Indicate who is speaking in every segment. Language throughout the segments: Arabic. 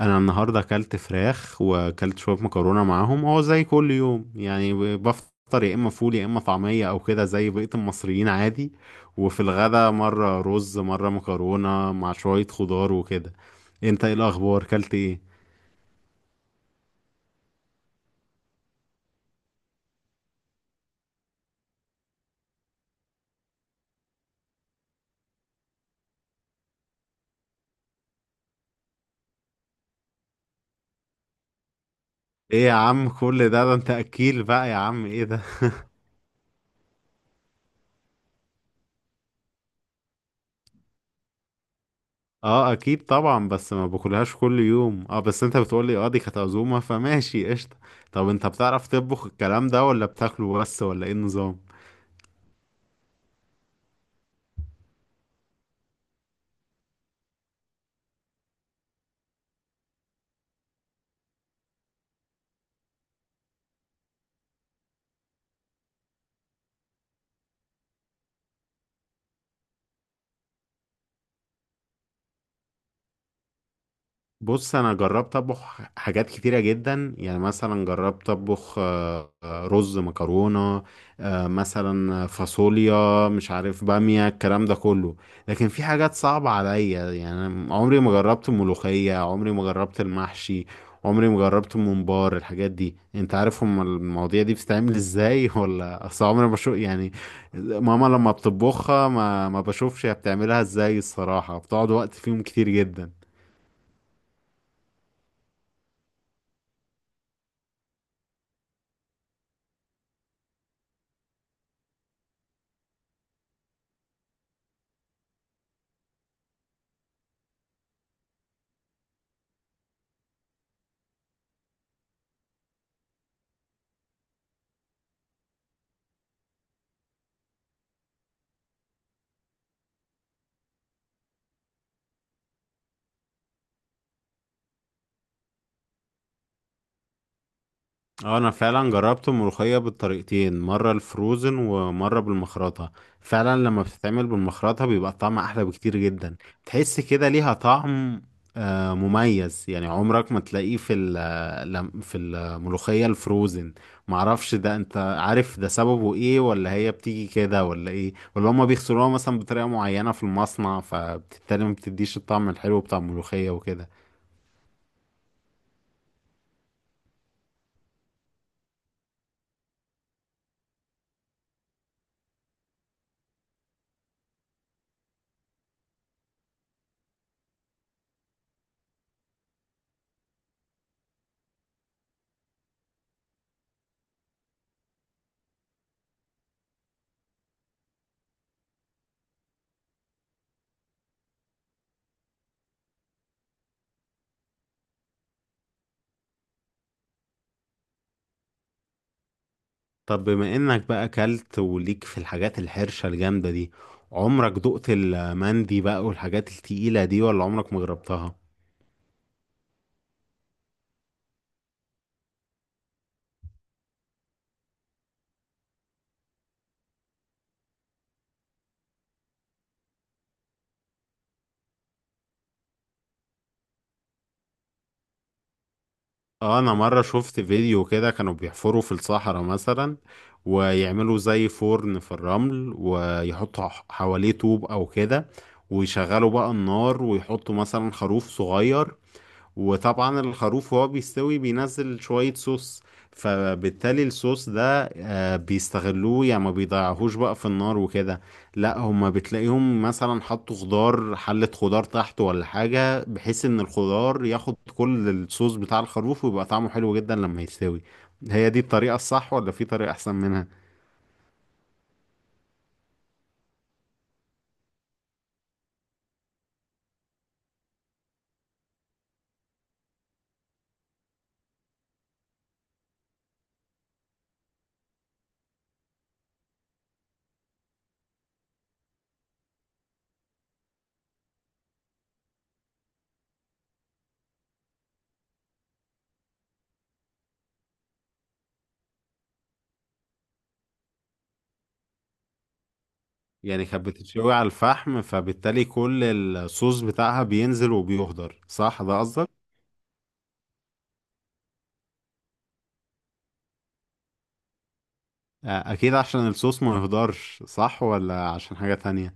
Speaker 1: انا النهارده اكلت فراخ واكلت شويه مكرونه معاهم. هو زي كل يوم، يعني بفطر يا اما فول يا اما طعميه او كده زي بقيه المصريين عادي. وفي الغدا مره رز مره مكرونه مع شويه خضار وكده. انت ايه الاخبار، اكلت ايه؟ ايه يا عم كل ده، انت اكيل بقى يا عم، ايه ده؟ اه اكيد طبعا، بس ما باكلهاش كل يوم. اه بس انت بتقولي اه دي كانت عزومه، فماشي قشطه. طب انت بتعرف تطبخ الكلام ده ولا بتاكله بس، ولا ايه النظام؟ بص، انا جربت اطبخ حاجات كتيره جدا، يعني مثلا جربت اطبخ رز، مكرونه، مثلا فاصوليا، مش عارف، باميه، الكلام ده كله. لكن في حاجات صعبه عليا، يعني عمري ما جربت الملوخيه، عمري ما جربت المحشي، عمري ما جربت الممبار. الحاجات دي انت عارف هم المواضيع دي بتتعمل ازاي؟ ولا اصل عمري ما بشوف، يعني ماما لما بتطبخها ما بشوفش هي بتعملها ازاي. الصراحه بتقعد وقت فيهم كتير جدا. اه، انا فعلا جربت الملوخية بالطريقتين، مرة الفروزن ومرة بالمخرطة. فعلا لما بتتعمل بالمخرطة بيبقى طعمها احلى بكتير جدا. تحس كده ليها طعم مميز، يعني عمرك ما تلاقيه في في الملوخية الفروزن. معرفش ده، انت عارف ده سببه ايه، ولا هي بتيجي كده ولا ايه، ولا هما بيغسلوها مثلا بطريقة معينة في المصنع فبالتالي ما بتديش الطعم الحلو بتاع الملوخية وكده؟ طب بما انك بقى اكلت وليك في الحاجات الحرشة الجامدة دي، عمرك دقت المندي بقى والحاجات التقيلة دي ولا عمرك ما جربتها؟ اه، انا مرة شفت فيديو كده كانوا بيحفروا في الصحراء مثلا، ويعملوا زي فرن في الرمل، ويحطوا حواليه طوب او كده، ويشغلوا بقى النار ويحطوا مثلا خروف صغير. وطبعا الخروف وهو بيستوي بينزل شوية صوص، فبالتالي الصوص ده بيستغلوه، يعني ما بيضيعوهوش بقى في النار وكده. لا، هما بتلاقيهم مثلا حطوا خضار، حلة خضار تحت ولا حاجة، بحيث ان الخضار ياخد كل الصوص بتاع الخروف ويبقى طعمه حلو جدا لما يستوي. هي دي الطريقة الصح ولا في طريقة احسن منها؟ يعني كانت بتتشوي على الفحم، فبالتالي كل الصوص بتاعها بينزل وبيهدر، صح؟ ده قصدك؟ آه، اكيد عشان الصوص ما يهدرش، صح، ولا عشان حاجة تانية؟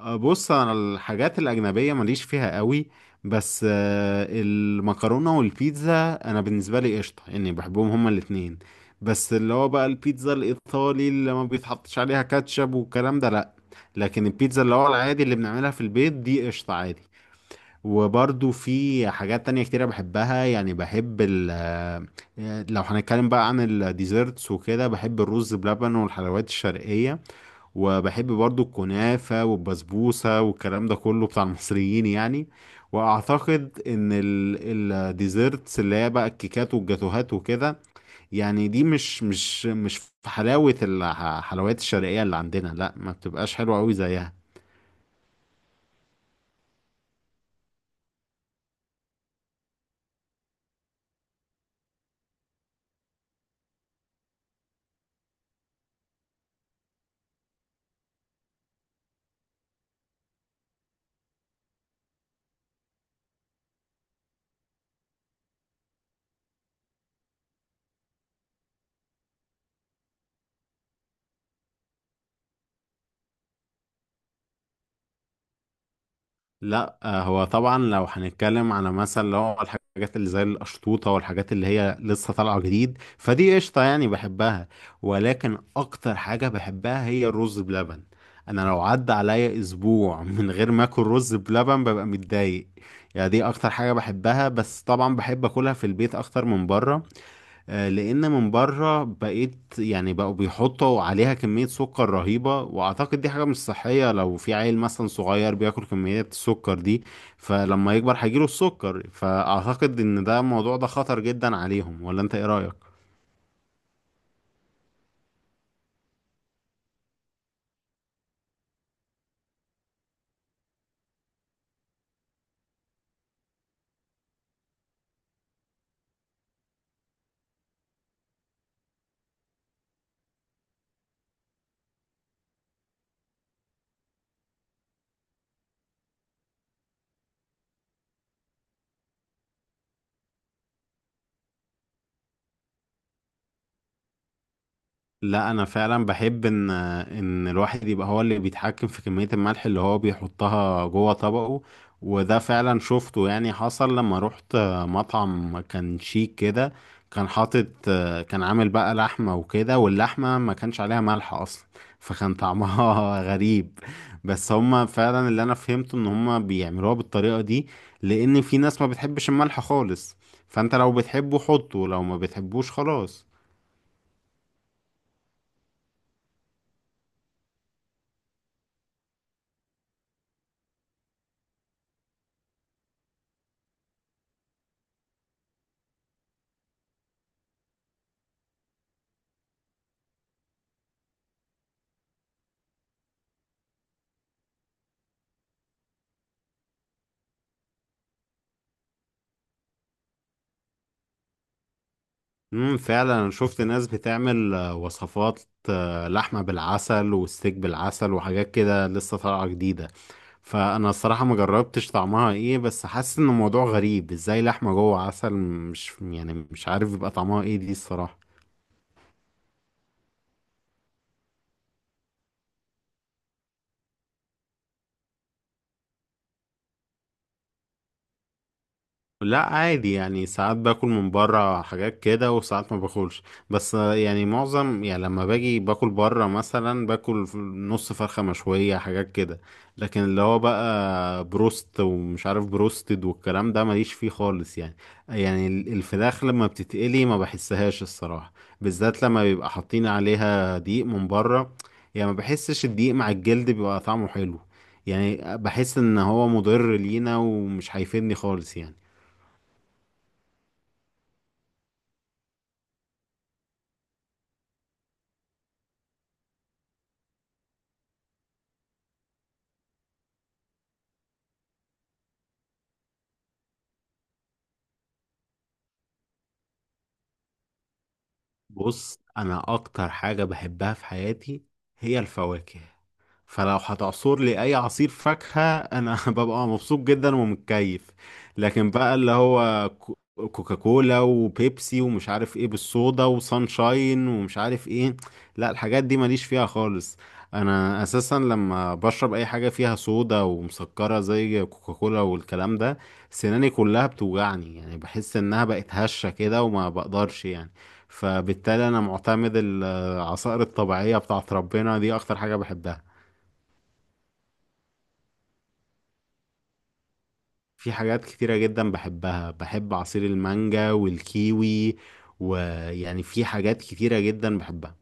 Speaker 1: أه، بص، انا الحاجات الاجنبية ماليش فيها قوي، بس المكرونة والبيتزا انا بالنسبة لي قشطة، يعني بحبهم هما الاتنين. بس اللي هو بقى البيتزا الايطالي اللي ما بيتحطش عليها كاتشب والكلام ده، لا. لكن البيتزا اللي هو العادي اللي بنعملها في البيت دي قشطة عادي. وبرضو في حاجات تانية كتيرة بحبها، يعني بحب ال آه، لو هنتكلم بقى عن الديزرتس وكده، بحب الرز بلبن والحلويات الشرقية. وبحب برضو الكنافة والبسبوسة والكلام ده كله بتاع المصريين يعني. وأعتقد إن الديزرتس اللي هي بقى الكيكات والجاتوهات وكده، يعني دي مش في حلاوة الحلويات الشرقية اللي عندنا. لا، ما بتبقاش حلوة أوي زيها. لا هو طبعا لو هنتكلم على مثلا اللي هو الحاجات اللي زي القشطوطه والحاجات اللي هي لسه طالعه جديد، فدي قشطه يعني بحبها. ولكن اكتر حاجه بحبها هي الرز بلبن. انا لو عدى عليا اسبوع من غير ما اكل رز بلبن ببقى متضايق. يعني دي اكتر حاجه بحبها، بس طبعا بحب اكلها في البيت اكتر من بره. لان من بره بقيت يعني بقوا بيحطوا عليها كمية سكر رهيبة، واعتقد دي حاجة مش صحية. لو في عيل مثلا صغير بياكل كميات السكر دي، فلما يكبر هيجيله السكر. فاعتقد ان ده الموضوع ده خطر جدا عليهم، ولا انت ايه رأيك؟ لا، انا فعلا بحب ان الواحد يبقى هو اللي بيتحكم في كمية الملح اللي هو بيحطها جوه طبقه. وده فعلا شفته، يعني حصل لما روحت مطعم كان شيك كده. كان حاطط، كان عامل بقى لحمة وكده، واللحمة ما كانش عليها ملح اصلا، فكان طعمها غريب. بس هما فعلا اللي انا فهمته ان هما بيعملوها بالطريقة دي، لان في ناس ما بتحبش الملح خالص. فانت لو بتحبه حطه، لو ما بتحبوش خلاص. فعلا انا شفت ناس بتعمل وصفات، لحمة بالعسل وستيك بالعسل وحاجات كده لسه طالعة جديدة. فانا الصراحة ما جربتش طعمها ايه، بس حاسس ان الموضوع غريب ازاي. لحمة جوه عسل، مش، يعني مش عارف يبقى طعمها ايه دي، الصراحة. لا، عادي، يعني ساعات باكل من بره حاجات كده وساعات ما باكلش. بس يعني معظم، يعني لما باجي باكل بره مثلا باكل نص فرخة مشوية، حاجات كده. لكن اللي هو بقى بروست ومش عارف بروستد والكلام ده ماليش فيه خالص يعني. يعني الفراخ لما بتتقلي ما بحسهاش الصراحة، بالذات لما بيبقى حاطين عليها دقيق من بره. يعني ما بحسش الدقيق مع الجلد بيبقى طعمه حلو. يعني بحس ان هو مضر لينا ومش هيفيدني خالص يعني. بص، انا اكتر حاجة بحبها في حياتي هي الفواكه. فلو هتعصر لي اي عصير فاكهة انا ببقى مبسوط جدا ومتكيف. لكن بقى اللي هو كوكاكولا وبيبسي ومش عارف ايه بالصودا وسانشاين ومش عارف ايه، لا الحاجات دي ماليش فيها خالص. انا اساسا لما بشرب اي حاجة فيها صودا ومسكرة زي كوكاكولا والكلام ده، سناني كلها بتوجعني، يعني بحس انها بقت هشة كده وما بقدرش يعني. فبالتالي انا معتمد العصائر الطبيعية بتاعت ربنا، دي اكتر حاجة بحبها. في حاجات كتيرة جدا بحبها، بحب عصير المانجا والكيوي، ويعني في حاجات كتيرة جدا بحبها.